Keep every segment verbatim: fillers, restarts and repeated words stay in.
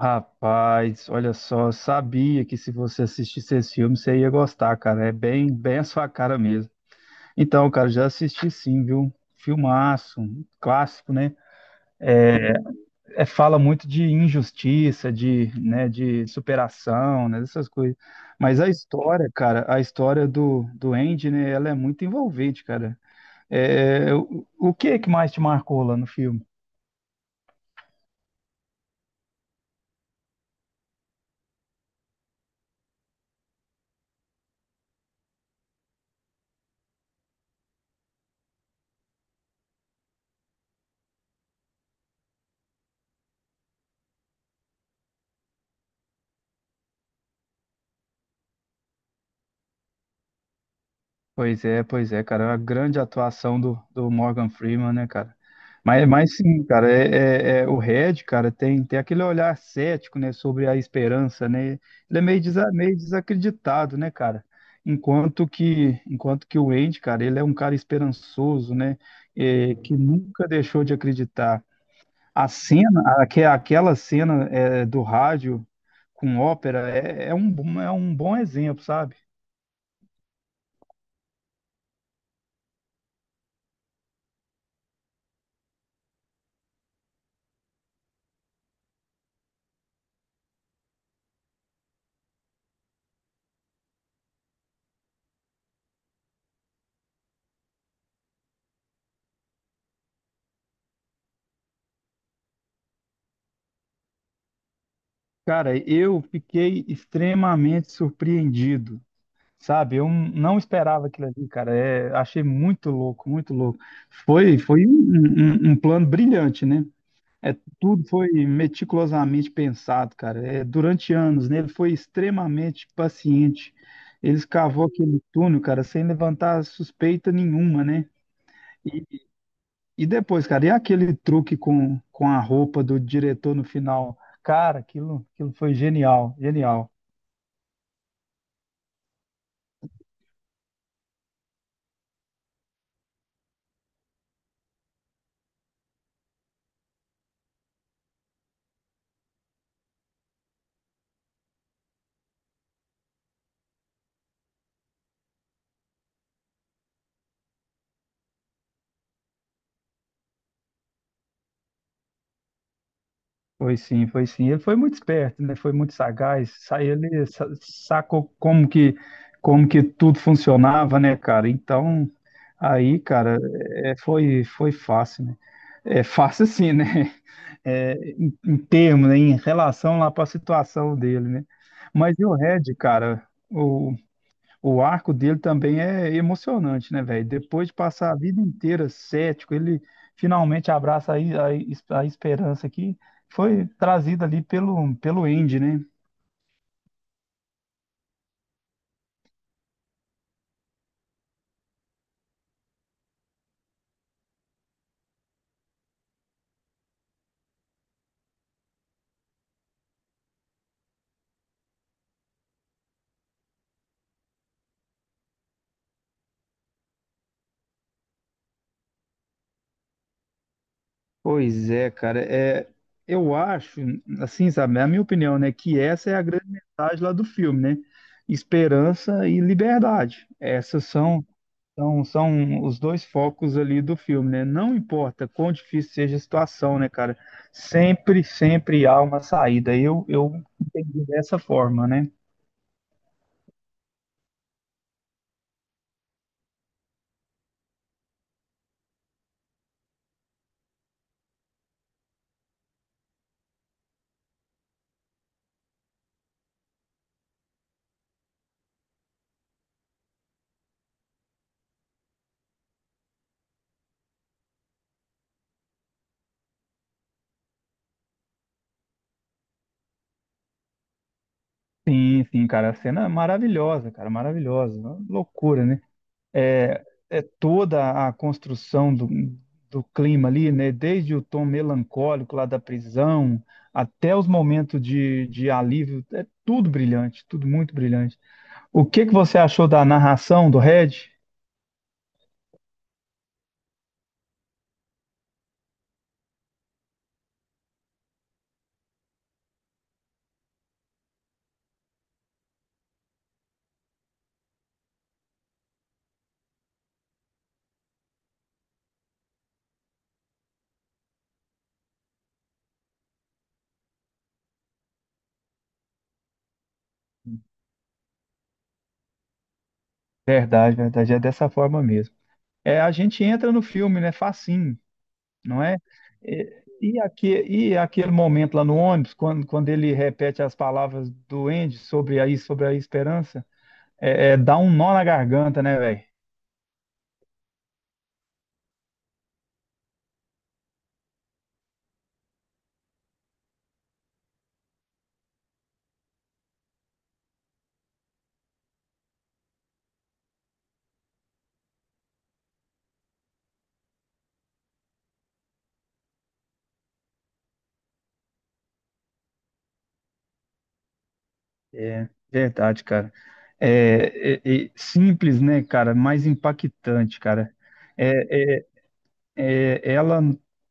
Rapaz, olha só, eu sabia que se você assistisse esse filme, você ia gostar, cara. É bem, bem a sua cara mesmo. Então, cara, já assisti sim, viu? Filmaço, um clássico, né? É, fala muito de injustiça, de, né, de superação, né, dessas coisas. Mas a história, cara, a história do, do Andy, né, ela é muito envolvente, cara. É, é, o, o que que mais te marcou lá no filme? Pois é, pois é, cara. A grande atuação do, do Morgan Freeman, né, cara? Mas, mas sim, cara, é, é- é- o Red, cara, tem, tem aquele olhar cético, né, sobre a esperança, né? Ele é meio, desa- meio desacreditado, né, cara? Enquanto que, enquanto que o Andy, cara, ele é um cara esperançoso, né? É, que nunca deixou de acreditar. A cena, aque- aquela cena é, do rádio com ópera é, é um, é um bom exemplo, sabe? Cara, eu fiquei extremamente surpreendido, sabe? Eu não esperava aquilo ali, cara. É, achei muito louco, muito louco. Foi, foi um, um- um um plano brilhante, né? É, tudo foi meticulosamente pensado, cara. É, durante anos, né? Ele foi extremamente paciente. Ele escavou aquele túnel, cara, sem levantar suspeita nenhuma, né? E, e depois, cara, e aquele truque com, com a roupa do diretor no final? Cara, aquilo, aquilo foi genial, genial. Foi sim, foi sim. Ele foi muito esperto, né? Foi muito sagaz. Sa- Ele sa- sacou como que, como que tudo funcionava, né, cara? Então, aí, cara, é, foi, foi fácil, né? É fácil sim, né? É, em, em termos, né? Em relação lá para a situação dele, né? Mas e o Red, cara? O arco dele também é emocionante, né, velho? Depois de passar a vida inteira cético, ele finalmente abraça a, a, a esperança que foi trazida ali pelo, pelo Andy, né? Pois é, cara. É, eu acho, assim, sabe, é a minha opinião, né, que essa é a grande mensagem lá do filme, né? Esperança e liberdade. Essas são. Então, são os dois focos ali do filme, né? Não importa quão difícil seja a situação, né, cara? Sempre, sempre há uma saída. Eu, eu entendi dessa forma, né? Sim, sim, cara. A cena é maravilhosa, cara, maravilhosa. Uma loucura, né? É, é toda a construção do, do clima ali, né? Desde o tom melancólico lá da prisão até os momentos de, de alívio. É tudo brilhante, tudo muito brilhante. O que que você achou da narração do Red? Verdade, verdade. É dessa forma mesmo. É, a gente entra no filme, né? Facinho, não é? E, e, aque, e aquele momento lá no ônibus, quando, quando ele repete as palavras do Andy sobre a, sobre a esperança, é, é, dá um nó na garganta, né, velho? É, verdade, cara. É, é, é simples, né, cara? Mais impactante, cara. É, é, é, ela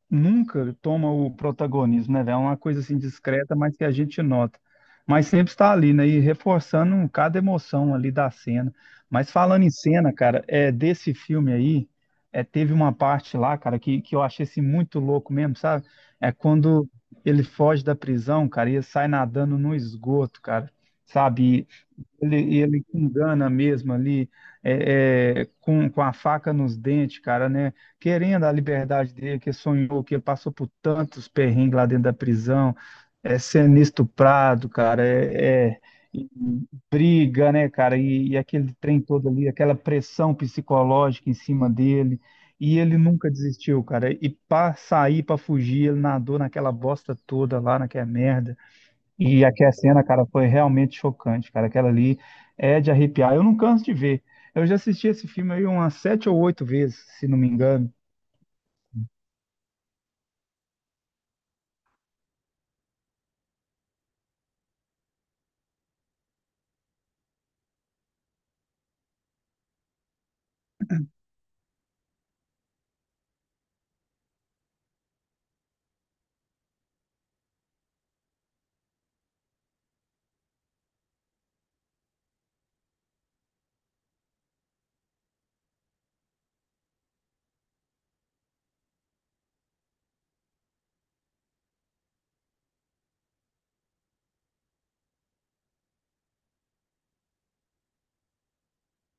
nunca toma o protagonismo, né, velho? É uma coisa assim discreta, mas que a gente nota. Mas sempre está ali, né? E reforçando cada emoção ali da cena. Mas falando em cena, cara, é desse filme aí, é, teve uma parte lá, cara, que, que eu achei assim, muito louco mesmo, sabe? É quando ele foge da prisão, cara, e ele sai nadando no esgoto, cara. Sabe? Ele, e ele te engana mesmo ali, é, é, com, com a faca nos dentes, cara, né? Querendo a liberdade dele, que sonhou, que ele passou por tantos perrengues lá dentro da prisão, é sendo estuprado, cara, é, é- e briga, né, cara? E, e aquele trem todo ali, aquela pressão psicológica em cima dele. E ele nunca desistiu, cara. E pra sair, pra fugir, ele nadou naquela bosta toda lá, naquela merda. E aquela cena, cara, foi realmente chocante, cara. Aquela ali é de arrepiar. Eu não canso de ver. Eu já assisti esse filme aí umas sete ou oito vezes, se não me engano.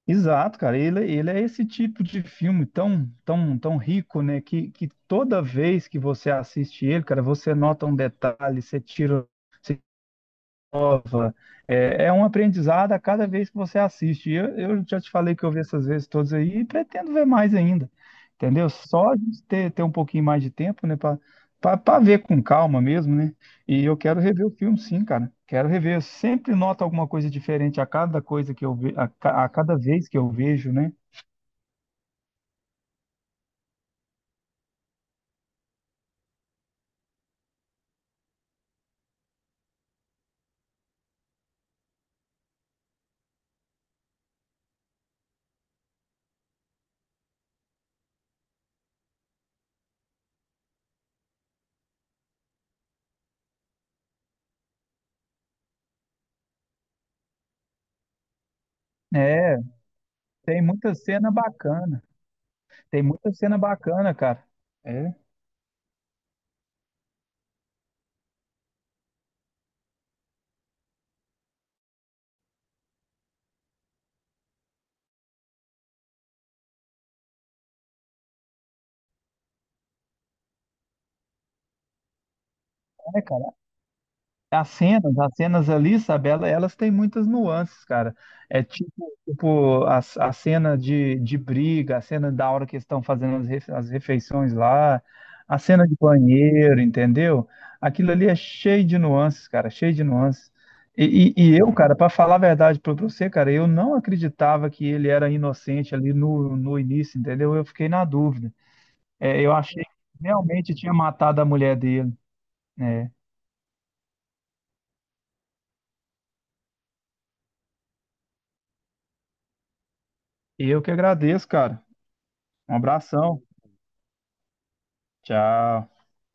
Exato, cara. Ele, ele é esse tipo de filme tão, tão, tão rico, né? Que, que toda vez que você assiste ele, cara, você nota um detalhe, você tira, você nova. É, é um aprendizado a cada vez que você assiste. E Eu, eu já te falei que eu vi essas vezes todas aí e pretendo ver mais ainda. Entendeu? Só a gente ter, ter um pouquinho mais de tempo, né? Para ver com calma mesmo, né? E eu quero rever o filme, sim, cara. Quero rever. Eu sempre noto alguma coisa diferente a cada coisa que eu ve, a, ca- a cada vez que eu vejo, né? É, tem muita cena bacana. Tem muita cena bacana, cara. É, é, cara. As cenas, as cenas ali, sabe, ela- elas têm muitas nuances, cara. É tipo, tipo a, a cena de, de briga, a cena da hora que eles estão fazendo as, refe- as refeições lá, a cena de banheiro, entendeu? Aquilo ali é cheio de nuances, cara, cheio de nuances. E, e- e eu, cara, pra falar a verdade pra você, cara, eu não acreditava que ele era inocente ali no, no início, entendeu? Eu fiquei na dúvida. É, eu achei que realmente tinha matado a mulher dele, né? E eu que agradeço, cara. Um abração. Tchau.